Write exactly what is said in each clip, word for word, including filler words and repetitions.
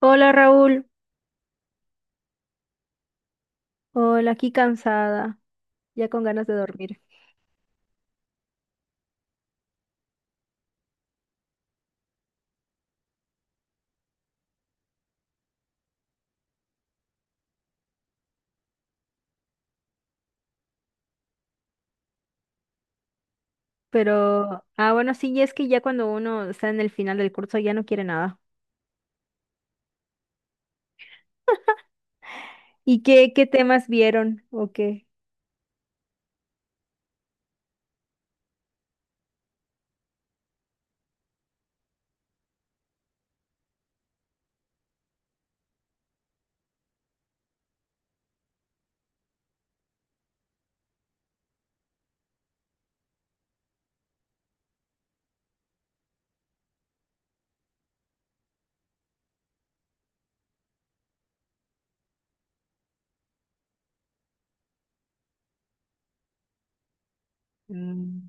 Hola Raúl, hola, aquí cansada, ya con ganas de dormir. Pero, ah, bueno, sí, y es que ya cuando uno está en el final del curso ya no quiere nada. ¿Y qué, qué temas vieron o qué? Mm.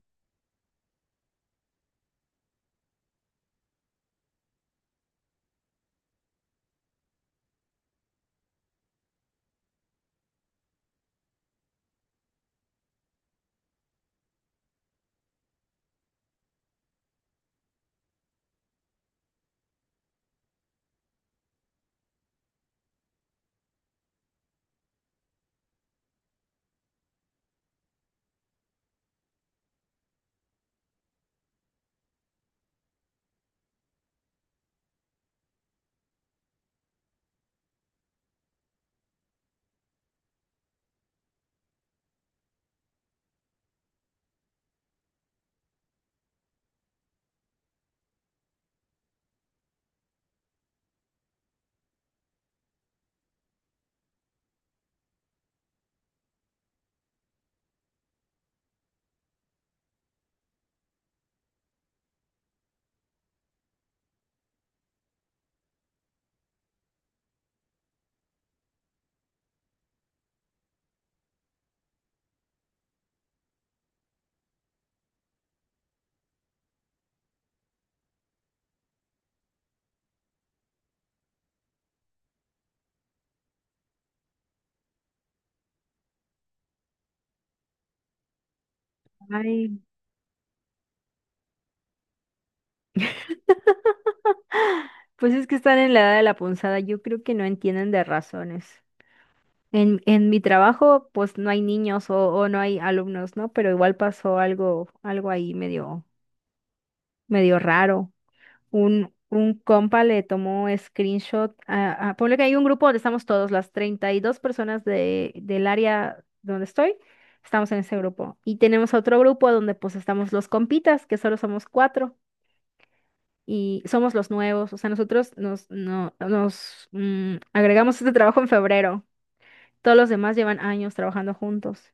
Ay, pues es que están en la edad de la punzada, yo creo que no entienden de razones. En, en mi trabajo, pues no hay niños o, o no hay alumnos, ¿no? Pero igual pasó algo, algo ahí medio, medio raro. Un, un compa le tomó screenshot a, a- ponle que hay un grupo donde estamos todos, las treinta y dos personas de, del área donde estoy, estamos en ese grupo. Y tenemos otro grupo donde pues estamos los compitas, que solo somos cuatro. Y somos los nuevos, o sea, nosotros nos, no, nos mm, agregamos este trabajo en febrero. Todos los demás llevan años trabajando juntos.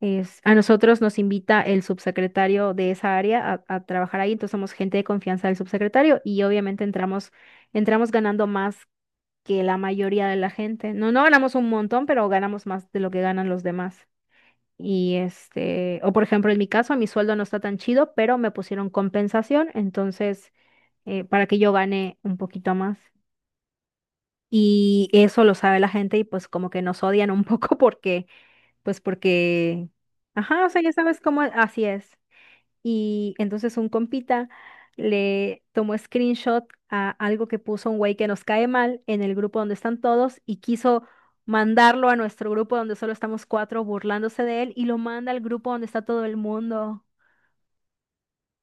Es, a nosotros nos invita el subsecretario de esa área a, a trabajar ahí, entonces somos gente de confianza del subsecretario y obviamente entramos, entramos ganando más que la mayoría de la gente. No, no ganamos un montón, pero ganamos más de lo que ganan los demás. Y este, o por ejemplo, en mi caso, mi sueldo no está tan chido, pero me pusieron compensación, entonces, eh, para que yo gane un poquito más. Y eso lo sabe la gente y pues como que nos odian un poco porque, pues porque, ajá, o sea, ya sabes cómo, así es. Y entonces un compita le tomó screenshot a algo que puso un güey que nos cae mal en el grupo donde están todos y quiso mandarlo a nuestro grupo donde solo estamos cuatro burlándose de él y lo manda al grupo donde está todo el mundo.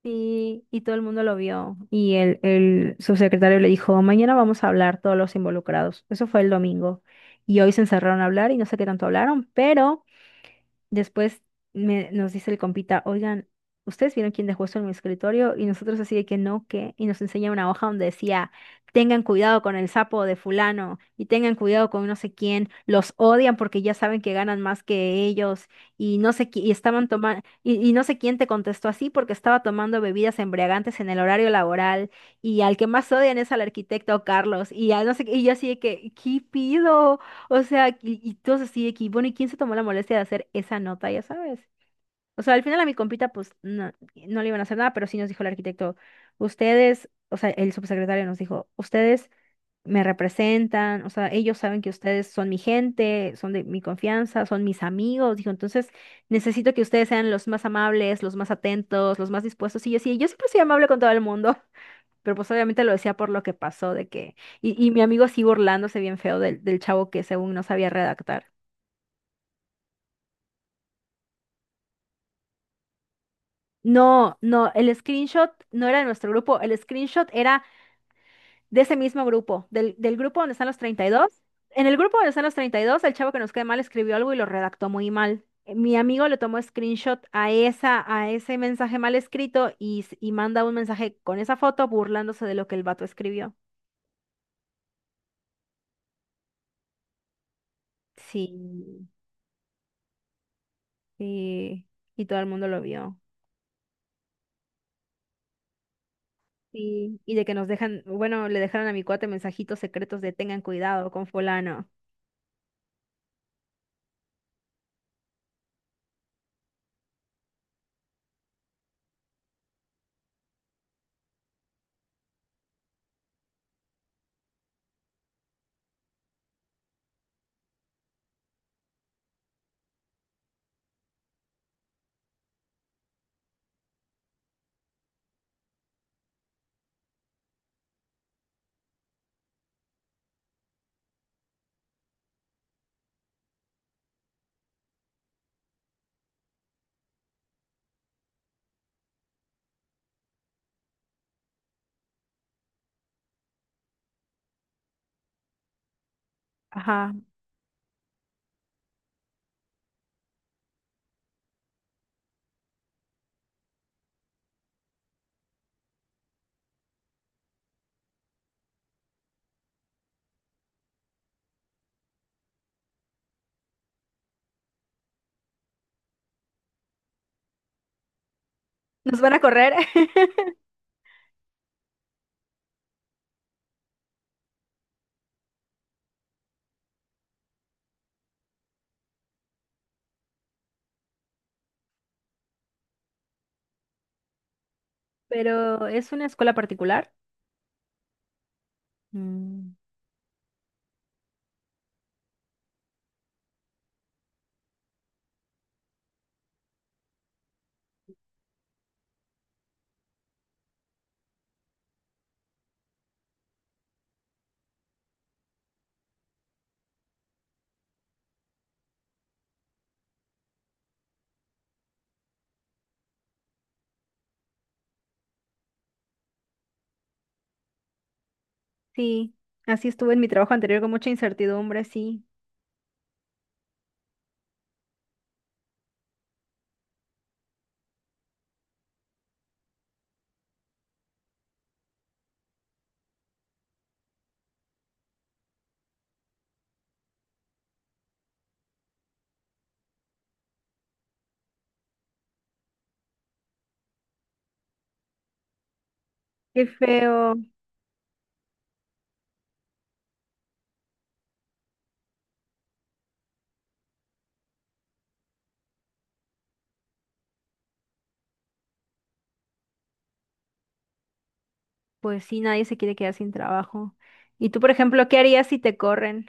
Y, y todo el mundo lo vio. Y el, el subsecretario le dijo, mañana vamos a hablar todos los involucrados. Eso fue el domingo. Y hoy se encerraron a hablar y no sé qué tanto hablaron, pero... Después me, nos dice el compita, oigan, ¿ustedes vieron quién dejó esto en mi escritorio? Y nosotros así de que no, ¿qué? Y nos enseña una hoja donde decía, tengan cuidado con el sapo de fulano y tengan cuidado con no sé quién, los odian porque ya saben que ganan más que ellos y no sé, qui- y estaban tomando, y, y no sé quién te contestó así porque estaba tomando bebidas embriagantes en el horario laboral y al que más odian es al arquitecto Carlos y al no sé, qué", y yo así de que, ¿qué pido? O sea, y, y todos así de que, bueno, ¿y quién se tomó la molestia de hacer esa nota, ya sabes? O sea, al final a mi compita, pues, no, no le iban a hacer nada, pero sí nos dijo el arquitecto, ustedes, o sea, el subsecretario nos dijo, ustedes me representan, o sea, ellos saben que ustedes son mi gente, son de mi confianza, son mis amigos, dijo, entonces necesito que ustedes sean los más amables, los más atentos, los más dispuestos. Y yo sí, yo siempre soy amable con todo el mundo. Pero pues obviamente lo decía por lo que pasó, de que... Y, y mi amigo sigue burlándose bien feo del, del chavo que según no sabía redactar. No, no, el screenshot no era de nuestro grupo, el screenshot era de ese mismo grupo, del, del grupo donde están los treinta y dos. En el grupo donde están los treinta y dos el chavo que nos cae mal escribió algo y lo redactó muy mal. Eh, Mi amigo le tomó screenshot a esa, a ese mensaje mal escrito y, s- y manda un mensaje con esa foto burlándose de lo que el vato escribió. Sí, sí, y todo el mundo lo vio. Sí, y de que nos dejan, bueno, le dejaron a mi cuate mensajitos secretos de tengan cuidado con fulano. Ajá, nos van a correr, pero es una escuela particular. Mm. Sí, así estuve en mi trabajo anterior con mucha incertidumbre, sí. Qué feo. Pues sí, nadie se quiere quedar sin trabajo. ¿Y tú, por ejemplo, qué harías si te corren?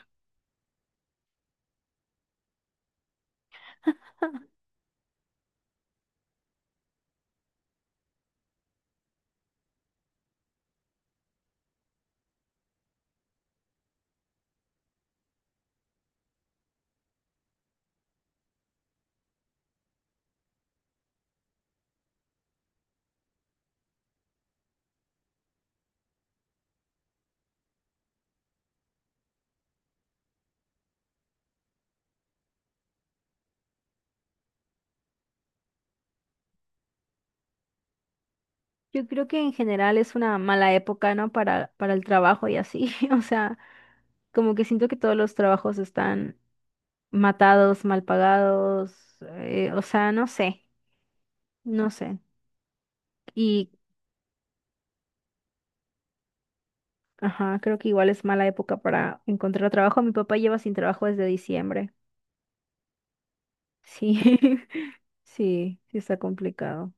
Yo creo que en general es una mala época, ¿no? Para, para el trabajo y así. O sea, como que siento que todos los trabajos están matados, mal pagados, eh, o sea, no sé, no sé. Y, ajá, creo que igual es mala época para encontrar trabajo. Mi papá lleva sin trabajo desde diciembre. Sí, sí, sí está complicado.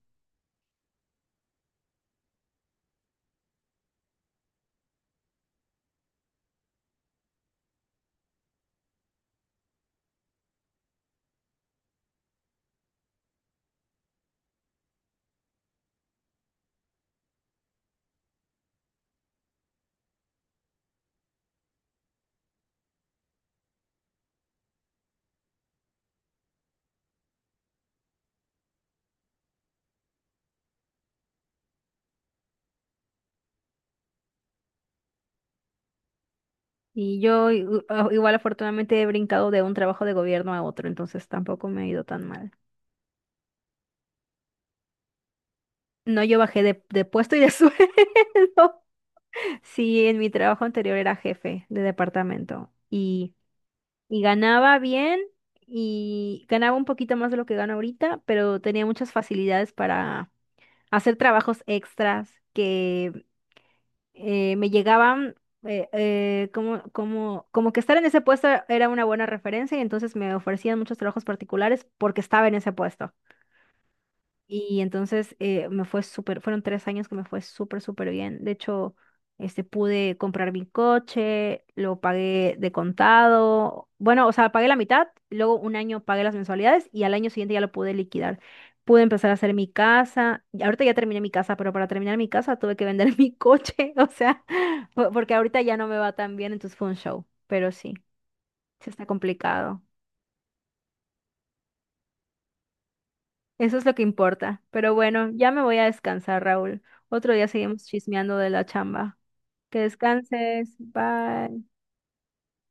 Y yo i- u- a- igual afortunadamente he brincado de un trabajo de gobierno a otro, entonces tampoco me ha ido tan mal. No, yo bajé de, de puesto y de sueldo. Sí, en mi trabajo anterior era jefe de departamento y... y ganaba bien y ganaba un poquito más de lo que gana ahorita, pero tenía muchas facilidades para hacer trabajos extras que eh, me llegaban eh, eh, como, como, como que estar en ese puesto era una buena referencia y entonces me ofrecían muchos trabajos particulares porque estaba en ese puesto. Y entonces eh, me fue súper, fueron tres años que me fue súper, súper bien. De hecho, este, pude comprar mi coche, lo pagué de contado. Bueno, o sea, pagué la mitad, luego un año pagué las mensualidades y al año siguiente ya lo pude liquidar. Pude empezar a hacer mi casa. Y ahorita ya terminé mi casa, pero para terminar mi casa tuve que vender mi coche. O sea, po- porque ahorita ya no me va tan bien, entonces fue un show. Pero sí, sí está complicado. Eso es lo que importa. Pero bueno, ya me voy a descansar, Raúl. Otro día seguimos chismeando de la chamba. Que descanses. Bye.